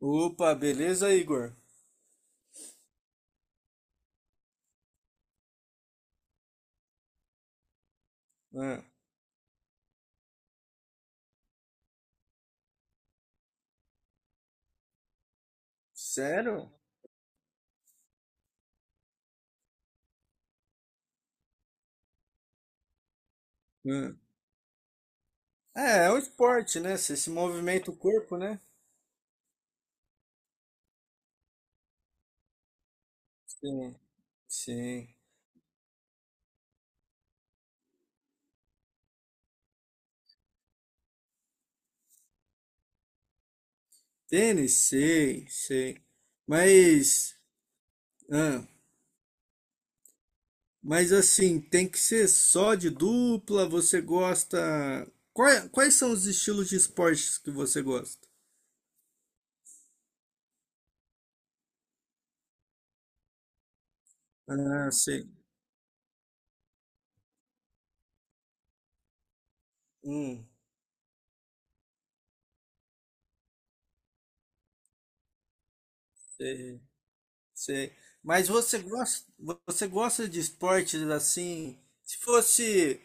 Opa, beleza, Igor? Ah, sério? Ah. É, é um esporte, né? Você se movimenta o corpo, né? Sim, sim. Tênis, sei, sei. Mas, ah, mas assim, tem que ser só de dupla? Você gosta. Quais são os estilos de esportes que você gosta? Ah, sei. Hum, sei, sei. Mas você gosta de esportes assim? Se fosse.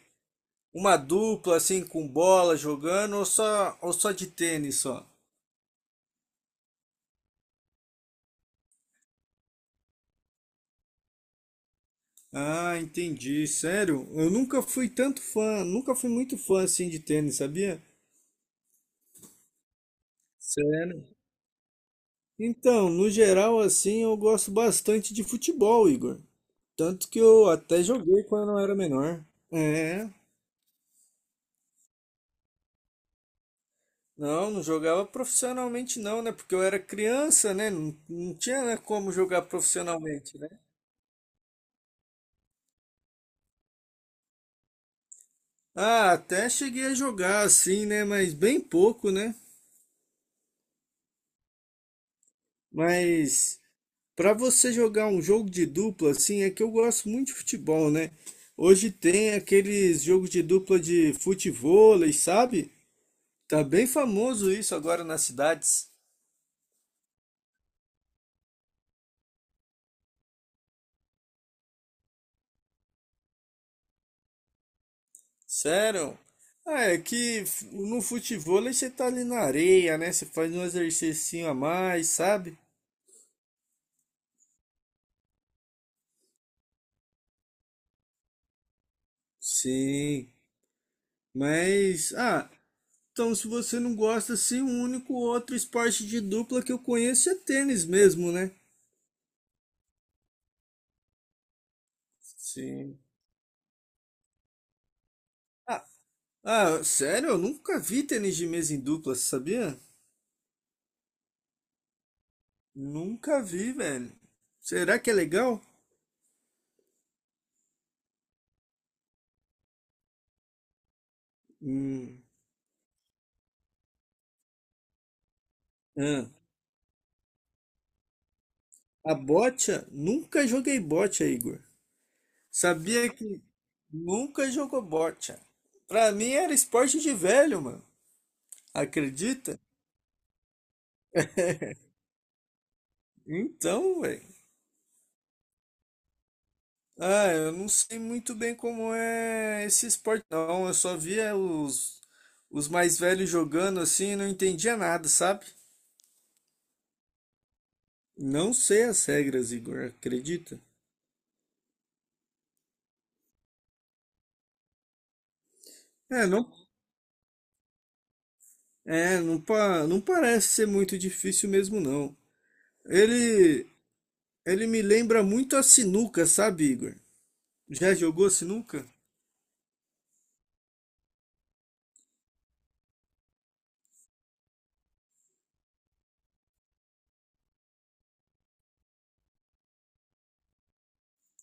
Uma dupla assim com bola jogando ou só de tênis só? Ah, entendi. Sério? Eu nunca fui tanto fã, nunca fui muito fã assim de tênis, sabia? Sério? Então, no geral assim, eu gosto bastante de futebol, Igor. Tanto que eu até joguei quando eu era menor. É. Não, jogava profissionalmente não, né? Porque eu era criança, né? Não, tinha, né, como jogar profissionalmente, né? Ah, até cheguei a jogar assim, né? Mas bem pouco, né? Mas para você jogar um jogo de dupla, assim, é que eu gosto muito de futebol, né? Hoje tem aqueles jogos de dupla de futevôlei, sabe? Tá bem famoso isso agora nas cidades. Sério? Ah, é que no futevôlei você tá ali na areia, né? Você faz um exercício a mais, sabe? Sim, mas ah, então se você não gosta assim, o único outro esporte de dupla que eu conheço é tênis mesmo, né? Sim. Ah, sério? Eu nunca vi tênis de mesa em dupla, sabia? Nunca vi, velho. Será que é legal? Hum. Ah, a bocha? Nunca joguei bocha, Igor. Sabia que nunca jogou bocha. Pra mim era esporte de velho, mano. Acredita? Então, velho. Ah, eu não sei muito bem como é esse esporte, não. Eu só via os mais velhos jogando assim e não entendia nada, sabe? Não sei as regras, Igor, acredita? É, não, não parece ser muito difícil mesmo, não. Ele, ele me lembra muito a sinuca, sabe, Igor? Já jogou sinuca?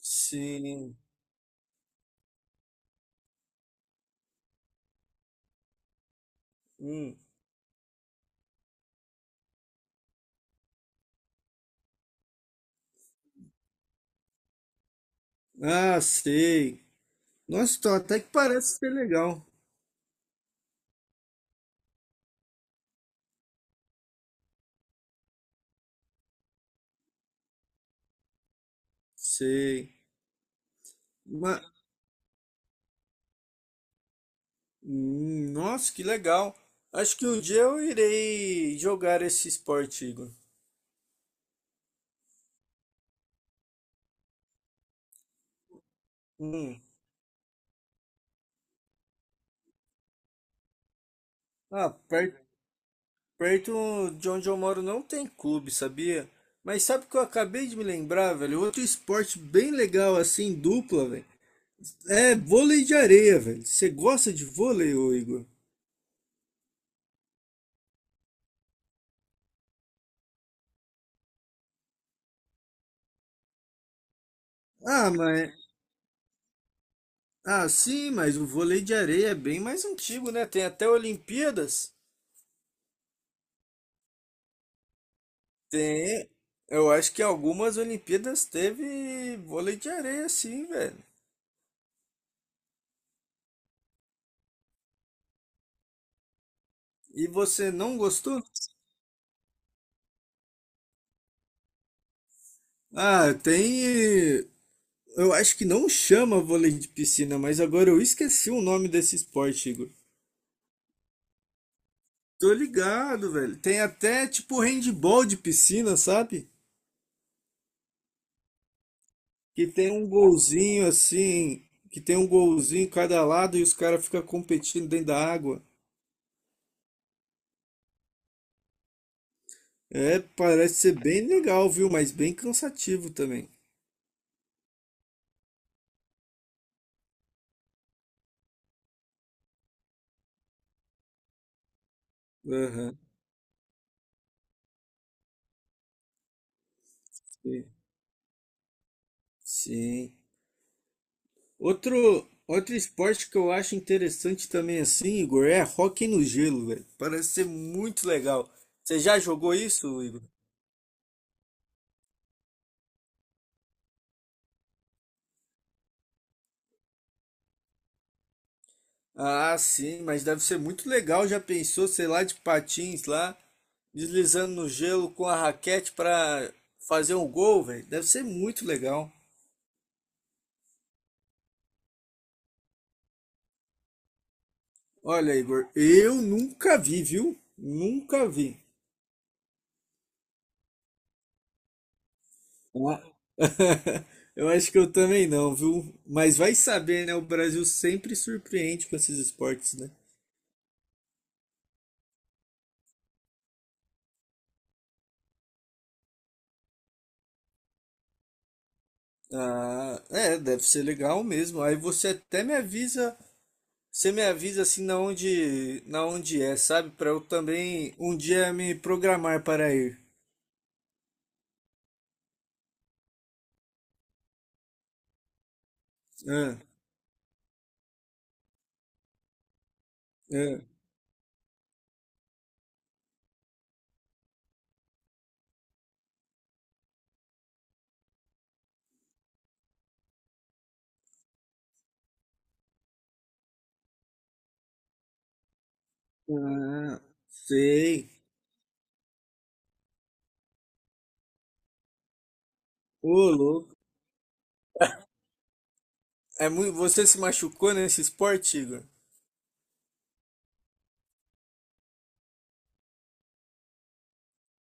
Sim. Hum. Ah, sei. Nossa, então até que parece ser legal. Sei. Ma- nossa, que legal. Acho que um dia eu irei jogar esse esporte, Igor. Hum. Ah, perto de onde eu moro não tem clube, sabia? Mas sabe o que eu acabei de me lembrar, velho? Outro esporte bem legal assim, dupla, velho. É vôlei de areia, velho. Você gosta de vôlei, ô Igor? Ah, mas. Ah, sim, mas o vôlei de areia é bem mais antigo, né? Tem até Olimpíadas. Tem. Eu acho que algumas Olimpíadas teve vôlei de areia, sim, velho. E você não gostou? Ah, tem. Eu acho que não chama vôlei de piscina, mas agora eu esqueci o nome desse esporte, Igor. Tô ligado, velho. Tem até tipo handball de piscina, sabe? Que tem um golzinho assim, que tem um golzinho em cada lado e os caras ficam competindo dentro da água. É, parece ser bem legal, viu? Mas bem cansativo também. Aham, sim. Sim. Outro esporte que eu acho interessante também assim, Igor, é hóquei no gelo, velho. Parece ser muito legal. Você já jogou isso, Igor? Ah, sim, mas deve ser muito legal. Já pensou, sei lá, de patins lá, deslizando no gelo com a raquete pra fazer um gol, velho? Deve ser muito legal. Olha, Igor, eu nunca vi, viu? Nunca vi. Ua- Eu acho que eu também não, viu? Mas vai saber, né? O Brasil sempre surpreende com esses esportes, né? Ah, é, deve ser legal mesmo. Aí você até me avisa, você me avisa assim na onde é, sabe? Para eu também um dia me programar para ir. Ah, ah, ah, sei. Ô, louco. É muito, você se machucou nesse esporte, Igor?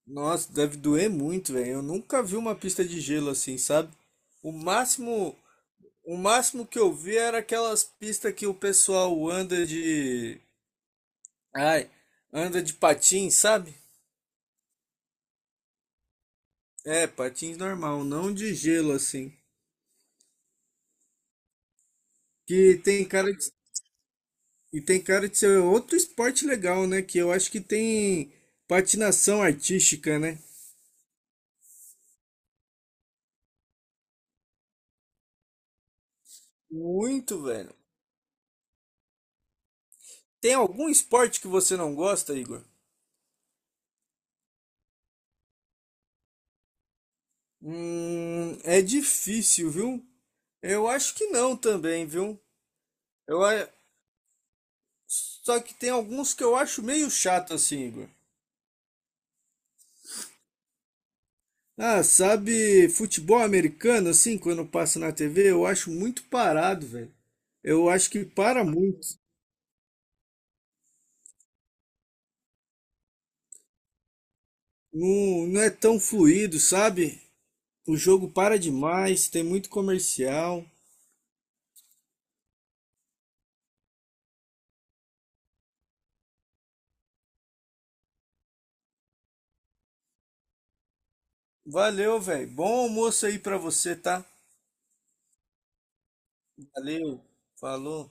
Nossa, deve doer muito, velho. Eu nunca vi uma pista de gelo assim, sabe? O máximo, o máximo que eu vi era aquelas pistas que o pessoal anda de, ai, anda de patins, sabe? É, patins normal, não de gelo assim. Que tem cara de, e tem cara de ser outro esporte legal, né? Que eu acho que tem patinação artística, né? Muito, velho. Tem algum esporte que você não gosta, Igor? É difícil, viu? Eu acho que não também, viu? Eu, a- só que tem alguns que eu acho meio chato assim, Igor. Ah, sabe, futebol americano, assim, quando passa na TV, eu acho muito parado, velho. Eu acho que para muito. Não, não é tão fluido, sabe? O jogo para demais, tem muito comercial. Valeu, velho. Bom almoço aí pra você, tá? Valeu. Falou.